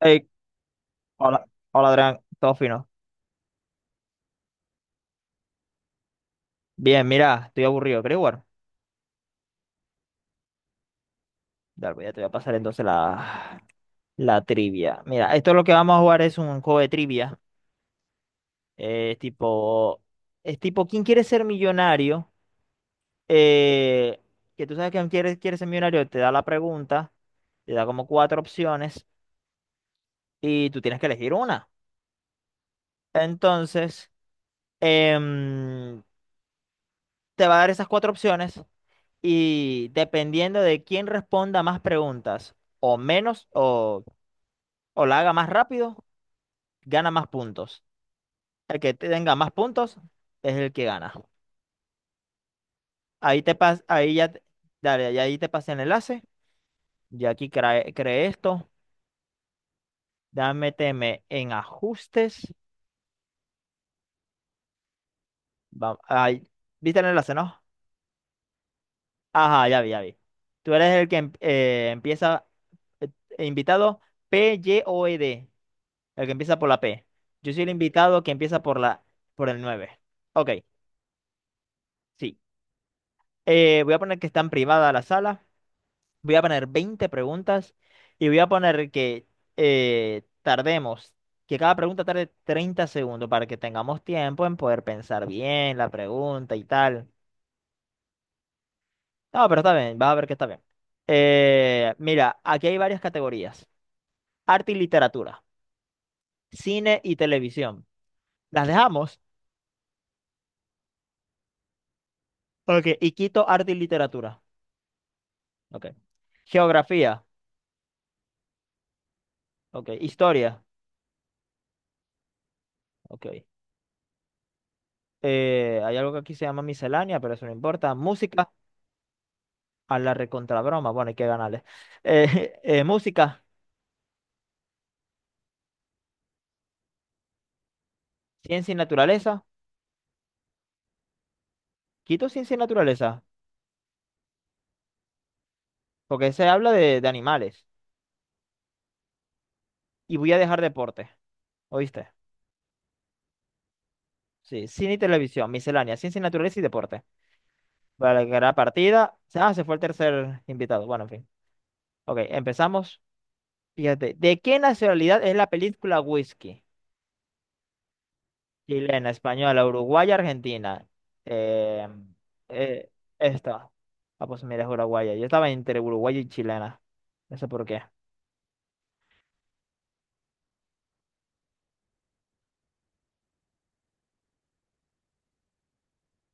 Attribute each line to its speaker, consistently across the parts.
Speaker 1: Hey, hola, hola Adrián, todo fino. Bien, mira, estoy aburrido, ¿querés jugar? Dale, pues ya te voy a pasar entonces la trivia. Mira, esto es lo que vamos a jugar es un juego de trivia. eh, tipo, es tipo, ¿quién quiere ser millonario? Eh, que tú sabes que quiere ser millonario, te da la pregunta, te da como cuatro opciones y tú tienes que elegir una. Entonces, em, te va a dar esas cuatro opciones y dependiendo de quién responda más preguntas o menos o la haga más rápido, gana más puntos. El que tenga más puntos es el que gana. Ahí te pas, ahí ya, te- Dale, y ahí te pasé el enlace. Y aquí creé, esto. Dame, méteme en ajustes. Ahí, ¿viste el enlace, no? Ajá, ya vi, ya vi. Tú eres el que empieza invitado P-Y-O-E-D. El que empieza por la P. Yo soy el invitado que empieza por el 9. Ok, sí. Voy a poner que está en privada la sala. Voy a poner 20 preguntas y voy a poner que tardemos, que cada pregunta tarde 30 segundos para que tengamos tiempo en poder pensar bien la pregunta y tal. No, pero está bien, vas a ver que está bien. Mira, aquí hay varias categorías. Arte y literatura, cine y televisión. ¿Las dejamos? Ok, y quito arte y literatura. Ok. Geografía. Ok. Historia. Ok. Hay algo que aquí se llama miscelánea, pero eso no importa. Música. A la recontrabroma. Bueno, hay que ganarle. Música. Ciencia y naturaleza. Quito ciencia y naturaleza. Porque se habla de animales. Y voy a dejar deporte. ¿Oíste? Sí. Cine y televisión. Miscelánea. Ciencia y naturaleza y deporte. Para que la partida. Ah, se fue el tercer invitado. Bueno, en fin. Ok. Empezamos. Fíjate. ¿De qué nacionalidad es la película Whisky? Chilena, española, uruguaya, argentina. Eh, eh, esta. Ah, pues mira, es uruguaya. Yo estaba entre uruguaya y chilena. No sé por qué.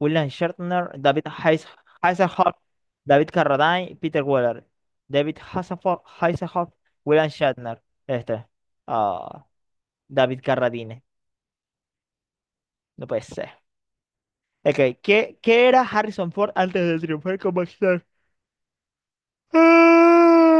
Speaker 1: William Shatner, Hasselhoff, David Carradine, Peter Weller. David Hasselhoff, William Shatner. Este. Ah, David Carradine. No puede ser. Ok, ¿qué era Harrison Ford antes de triunfar como actor? Ah.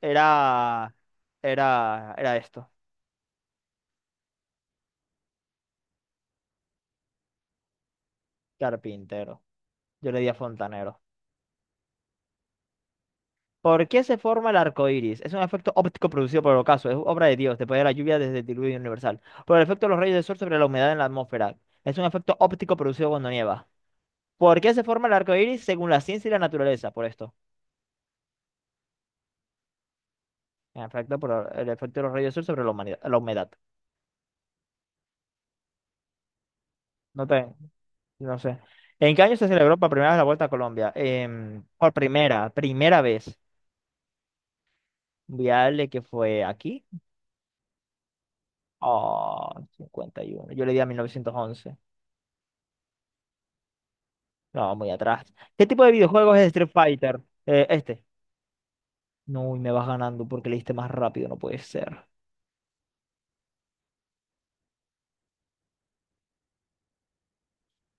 Speaker 1: Era, era esto. Carpintero. Yo le di a fontanero. ¿Por qué se forma el arco iris? Es un efecto óptico producido por el ocaso. Es obra de Dios, después de la lluvia desde el diluvio universal. Por el efecto de los rayos del sol sobre la humedad en la atmósfera. Es un efecto óptico producido cuando nieva. ¿Por qué se forma el arco iris según la ciencia y la naturaleza? Por esto. En efecto, por el efecto de los rayos del sol sobre la la humedad. No te, no sé. ¿En qué año se celebró por primera vez la Vuelta a Colombia? Primera vez. Voy a darle que fue aquí. Oh, 51. Yo le di a 1911. No, muy atrás. ¿Qué tipo de videojuegos es Street Fighter? Este. No, y me vas ganando porque le diste más rápido, no puede ser.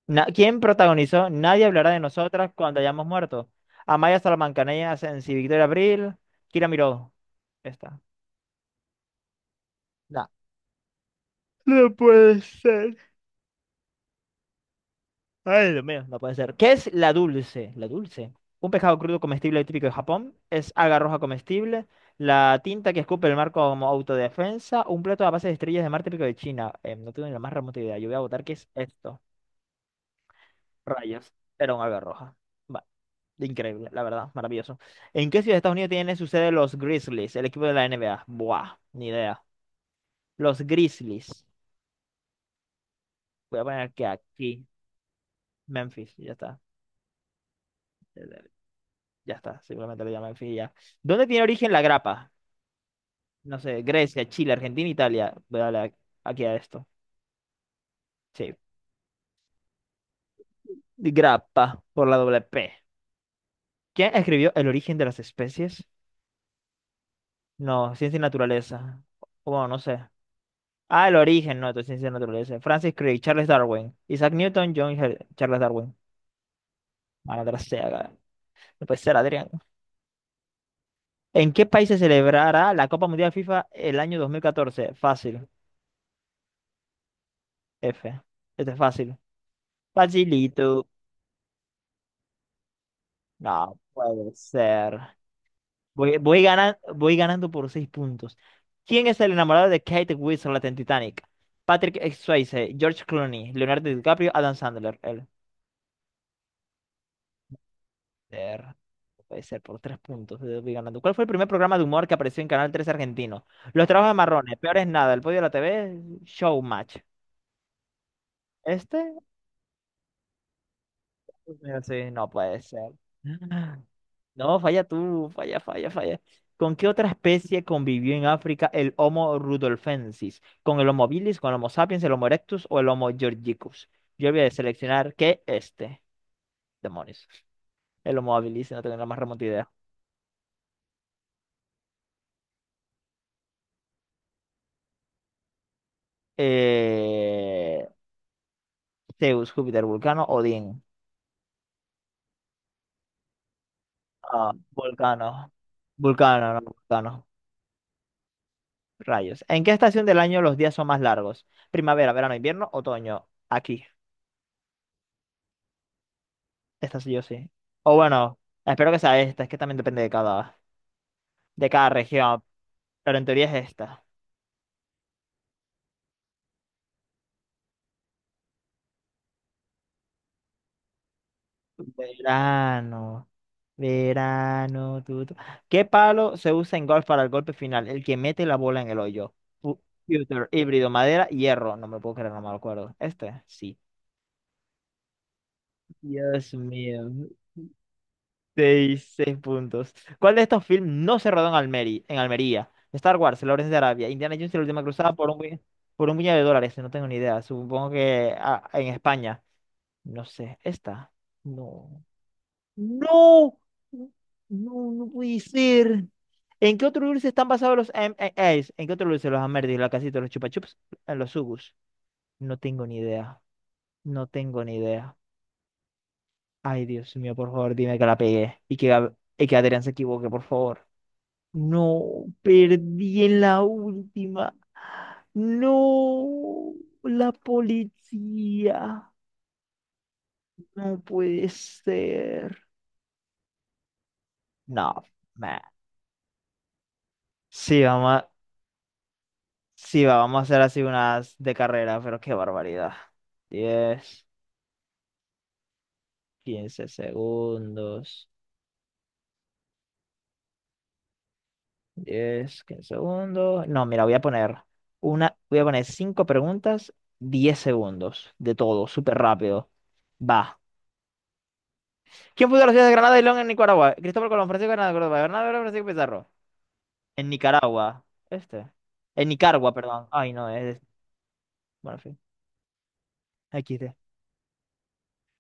Speaker 1: ¿Quién protagonizó? Nadie hablará de nosotras cuando hayamos muerto. Amaya Salamancaneas, Sensi, Victoria Abril, Kira Miró. Esta. No. No puede ser. Ay, Dios mío, no puede ser. ¿Qué es la dulce? La dulce. Un pescado crudo comestible típico de Japón. Es alga roja comestible. La tinta que escupe el mar como autodefensa. Un plato a base de estrellas de mar típico de China. No tengo ni la más remota idea. Yo voy a votar que es esto. Rayos. Era un alga roja. Va, increíble, la verdad. Maravilloso. ¿En qué ciudad de Estados Unidos tiene su sede los Grizzlies? El equipo de la NBA. Buah, ni idea. Los Grizzlies. Voy a poner que aquí. Memphis, ya está. Ya está, seguramente lo llaman fin y ya. ¿Dónde tiene origen la grapa? No sé, Grecia, Chile, Argentina, Italia. Voy a aquí a esto. Sí. Grapa, por la doble P. ¿Quién escribió El origen de las especies? No, Ciencia y Naturaleza. Bueno, no sé. Ah, El origen, no, esto es Ciencia y Naturaleza. Francis Crick, Charles Darwin, Isaac Newton, Charles Darwin. Madre sea, ga- no puede ser, Adrián. ¿En qué país se celebrará la Copa Mundial FIFA el año 2014? Fácil, F. Este es fácil. Facilito. No puede ser. Voy ganando por 6 puntos. ¿Quién es el enamorado de Kate Winslet en Titanic? Patrick Swayze, George Clooney, Leonardo DiCaprio, Adam Sandler. El ser. No Puede ser por 3 puntos. Voy ganando. ¿Cuál fue el primer programa de humor que apareció en Canal 3 argentino? Los trabajos de marrones, peor es nada, el podio de la TV, Showmatch. ¿Este? Sí, no puede ser. No, falla tú, falla, falla, falla. ¿Con qué otra especie convivió en África el Homo rudolfensis? ¿Con el Homo habilis, con el Homo sapiens, el Homo erectus o el Homo georgicus? Yo voy a seleccionar que este, demonios, el Homo habilis, si no tengo la más remota idea. Eh, Zeus, Júpiter, Vulcano, Odín. Ah, Vulcano. Vulcano, no, Vulcano. Rayos. ¿En qué estación del año los días son más largos? Primavera, verano, invierno, otoño. Aquí. Esta sí o sí. O bueno, espero que sea esta, es que también depende de cada región, pero en teoría es esta. Verano, verano, tu, tu. ¿Qué palo se usa en golf para el golpe final? El que mete la bola en el hoyo. Fu- Pewter, híbrido, madera, hierro. No me lo puedo creer, no me lo acuerdo. ¿Este? Sí. Dios mío. Seis puntos. ¿Cuál de estos films no se rodó en Almería? ¿En Almería? Star Wars, El Lawrence de Arabia, Indiana Jones y la última cruzada, por un puñado de dólares. No tengo ni idea. Supongo que ah, en España. No sé. Esta. No. ¡No! No, no puede ser. ¿En qué otro dulce están basados los M M&As? ¿En qué otro dulce? Los Amerdis, la casita, los Chupa Chups, los Sugus. No tengo ni idea. No tengo ni idea. Ay, Dios mío, por favor, dime que la pegué. Y que, y que Adrián se equivoque, por favor. No, perdí en la última. No, la policía. No puede ser. No, man. Sí, sí, va, vamos a hacer así unas de carrera, pero qué barbaridad. 10, 15 segundos. 10, 15 segundos. No, mira, voy a poner voy a poner 5 preguntas, 10 segundos de todo, súper rápido. Va. ¿Quién fundó la ciudad de Granada y León en Nicaragua? Cristóbal Colón, Francisco Granada, Córdoba, Bernardo Alvarado, Francisco Pizarro. En Nicaragua. Este. En Nicaragua, perdón. Ay, no, es. Bueno, en fin. XD.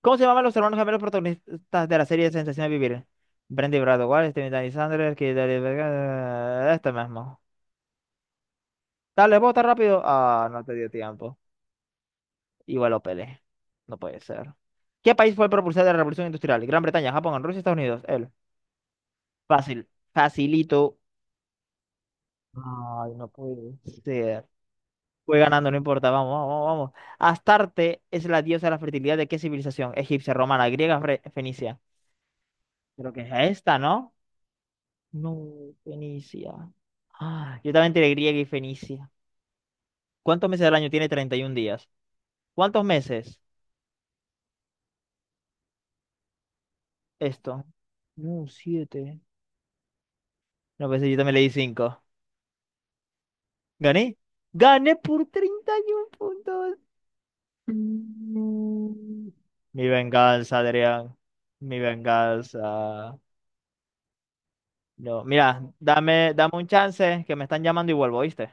Speaker 1: ¿Cómo se llamaban los hermanos gemelos protagonistas de la serie Sensación de Vivir? Brandy Brad Steven Danny Sanders, que este mismo. Dale, vota rápido. Ah, no te dio tiempo. Igual lo peleé. No puede ser. ¿Qué país fue el propulsor de la Revolución Industrial? Gran Bretaña, Japón, Rusia, Estados Unidos. Él. Fácil. Facilito. Ay, no puede ser. Voy ganando, no importa, vamos, vamos, vamos. ¿Astarte es la diosa de la fertilidad de qué civilización? Egipcia, romana, griega, fenicia. Creo que es esta, ¿no? No, fenicia. Ah, yo también tiré griega y fenicia. ¿Cuántos meses del año tiene 31 días? ¿Cuántos meses? Esto. No, 7. No, pensé, yo también le di 5. ¿Gané? Gané por 31 puntos. Mm. Mi venganza, Adrián. Mi venganza. Yo, mira, dame un chance que me están llamando y vuelvo, ¿viste?